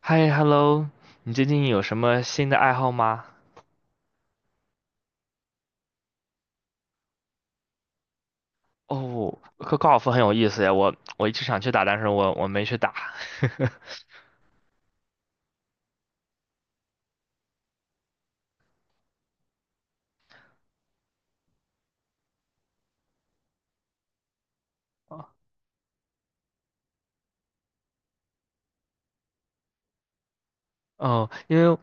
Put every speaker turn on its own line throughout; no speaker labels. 嗨，hello，你最近有什么新的爱好吗？哦，高尔夫很有意思呀，我一直想去打，但是我没去打。哦，因为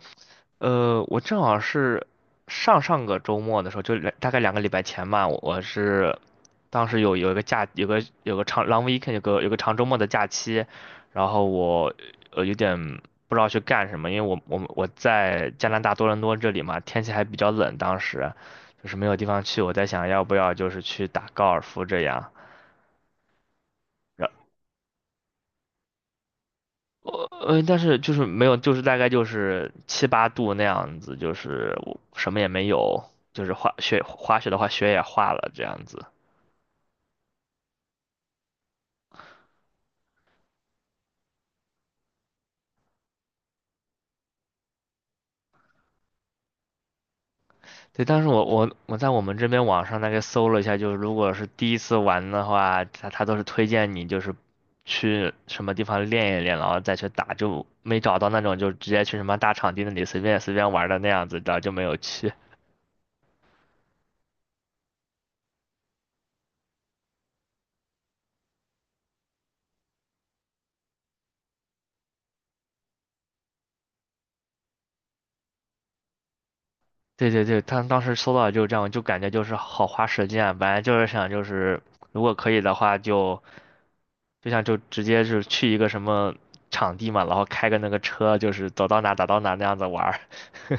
我正好是上上个周末的时候，大概2个礼拜前吧，我当时有一个假，有个长 long weekend，有个长周末的假期，然后我有点不知道去干什么，因为我在加拿大多伦多这里嘛，天气还比较冷，当时就是没有地方去，我在想要不要就是去打高尔夫这样。但是就是没有，就是大概就是七八度那样子，就是我什么也没有，就是滑雪的话，雪也化了这样子。对，但是我在我们这边网上大概搜了一下，就是如果是第一次玩的话，他都是推荐你就是去什么地方练一练，然后再去打，就没找到那种就直接去什么大场地那里随便随便玩的那样子，然后就没有去。对对对，他当时搜到就这样，就感觉就是好花时间啊，本来就是想就是如果可以的话就，就直接是去一个什么场地嘛，然后开个那个车，就是走到哪打到哪那样子玩儿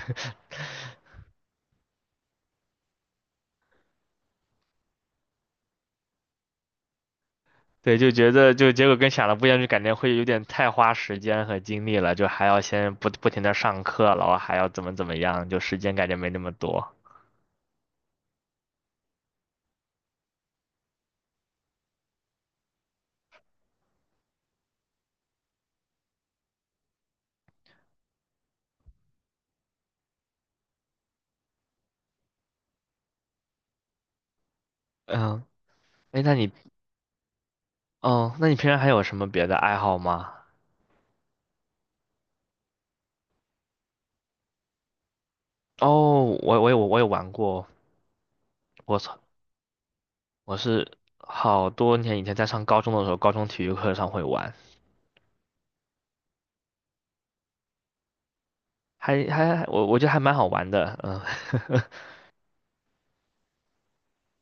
对，就觉得就结果跟想的不一样，就感觉会有点太花时间和精力了，就还要先不停的上课，然后还要怎么怎么样，就时间感觉没那么多。嗯，哎，那你，哦，那你平常还有什么别的爱好吗？哦，我有玩过，我操，我是好多年以前在上高中的时候，高中体育课上会玩，还我觉得还蛮好玩的，嗯，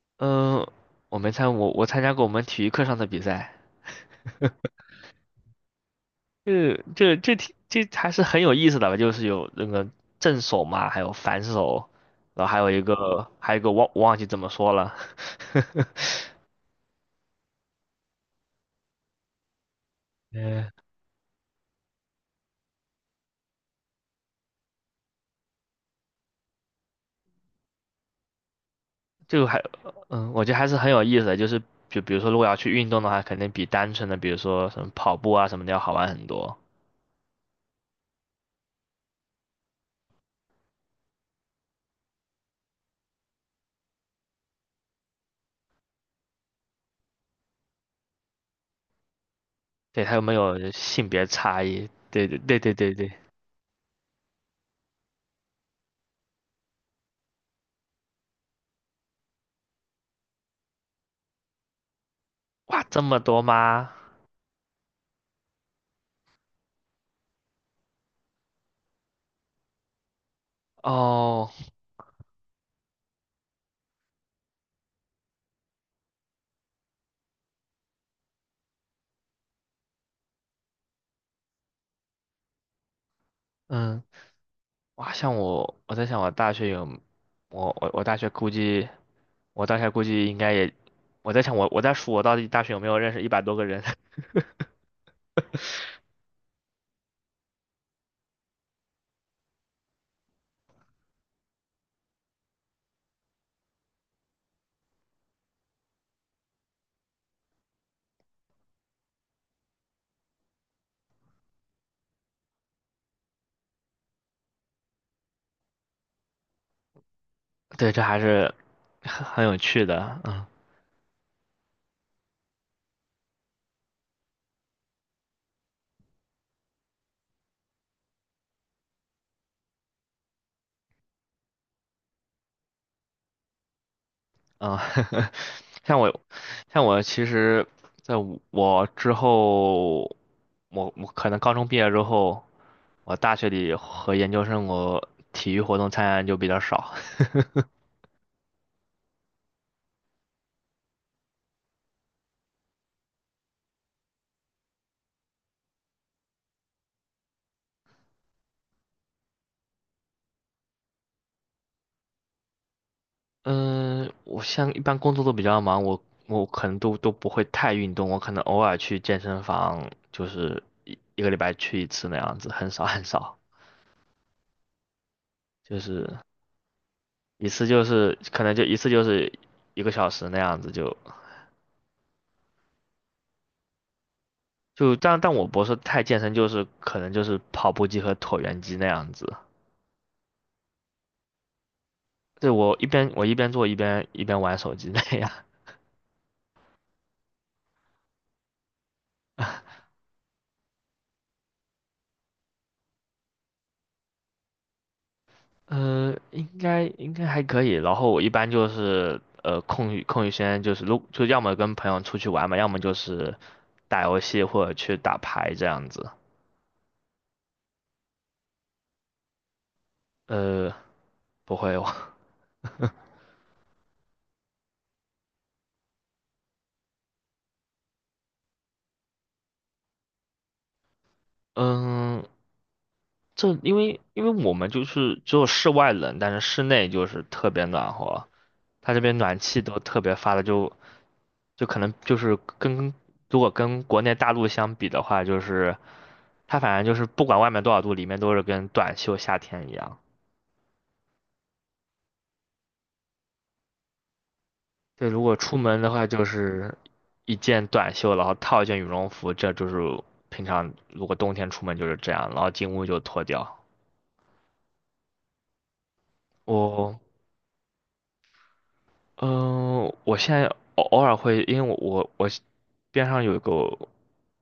嗯，我没参我我参加过我们体育课上的比赛，这还是很有意思的吧，就是有那个正手嘛，还有反手，然后还有一个忘记怎么说了，嗯，就还嗯，我觉得还是很有意思的，就是。就比如说，如果要去运动的话，肯定比单纯的，比如说什么跑步啊什么的要好玩很多。对，还有没有性别差异？对对对对对对，哇，这么多吗？哦，嗯，哇，像我，我在想我大学有，我大学估计，我大学估计应该也，我在想我在数我到底大学有没有认识100多个人？对，这还是很有趣的，嗯嗯，像我像我其实在我之后，我可能高中毕业之后。我大学里和研究生，我体育活动参加就比较少。嗯，我像一般工作都比较忙，我可能都不会太运动，我可能偶尔去健身房，就是一个礼拜去一次那样子，很少很少，就是一次就是可能就一次就是1个小时那样子就但我不是太健身，就是可能就是跑步机和椭圆机那样子。对，我一边做一边玩手机那样。应该还可以。然后我一般就是空余时间就是就要么跟朋友出去玩嘛，要么就是打游戏或者去打牌这样子。呃，不会哦，嗯，这因为我们就是只有室外冷，但是室内就是特别暖和。它这边暖气都特别发的就可能就是如果跟国内大陆相比的话，就是它反正就是不管外面多少度，里面都是跟短袖夏天一样。对，如果出门的话，就是一件短袖，然后套一件羽绒服，这就是平常如果冬天出门就是这样，然后进屋就脱掉。我，嗯、我现在偶尔会，因为我边上有一个，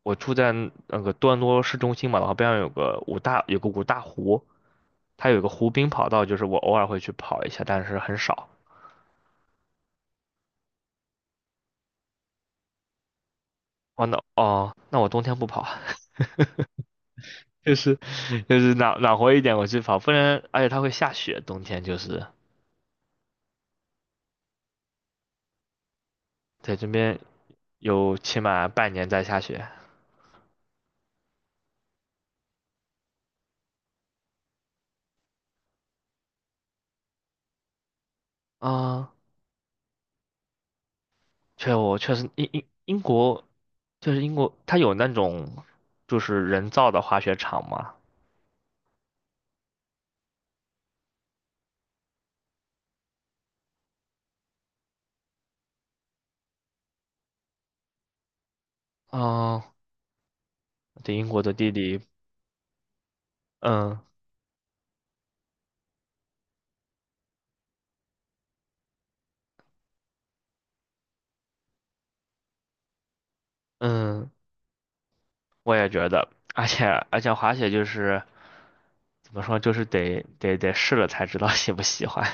我住在那个多伦多市中心嘛，然后边上有个五大湖，它有一个湖滨跑道，就是我偶尔会去跑一下，但是很少。哦，那我冬天不跑啊。就是就是暖和一点我去跑，不然而且它会下雪，冬天就是在这边有起码半年在下雪啊。确实英英英国就是英国，它有那种就是人造的滑雪场嘛。啊，对英国的地理，嗯嗯，我也觉得，而且而且滑雪就是怎么说，就是得试了才知道喜不喜欢。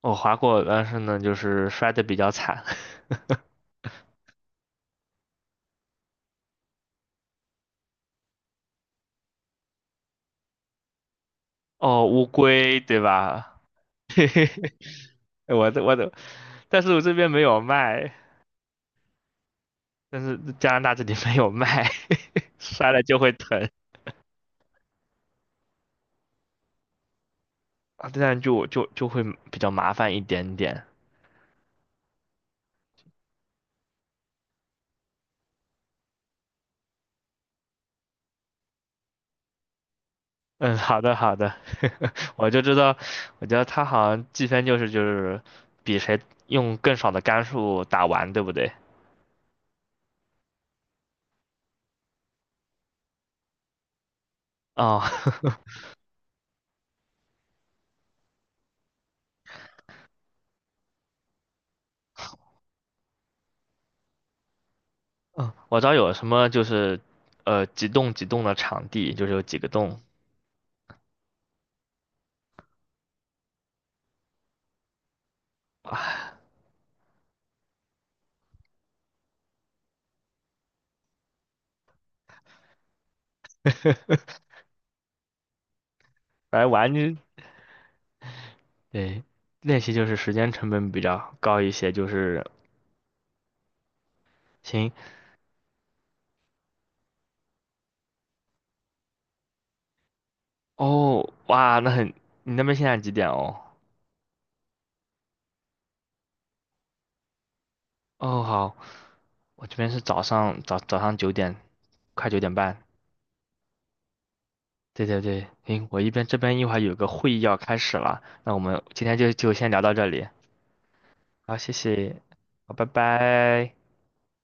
我滑过，但是呢，就是摔的比较惨。哦，乌龟对吧？哎我的我的，但是我这边没有卖，但是加拿大这里没有卖，摔了就会疼啊，这样就会比较麻烦一点点。嗯，好的好的，我就知道，我觉得他好像计分就是比谁用更少的杆数打完，对不对？哦，嗯，我知道有什么就是，几栋几栋的场地，就是有几个洞，啊，来玩对，练习就是时间成本比较高一些，就是行哦，哇，那很，你那边现在几点哦？哦，好，我这边是早上早上九点，快9点半。对对对，行，我这边一会儿有个会议要开始了，那我们今天就先聊到这里，好，谢谢，好，拜拜。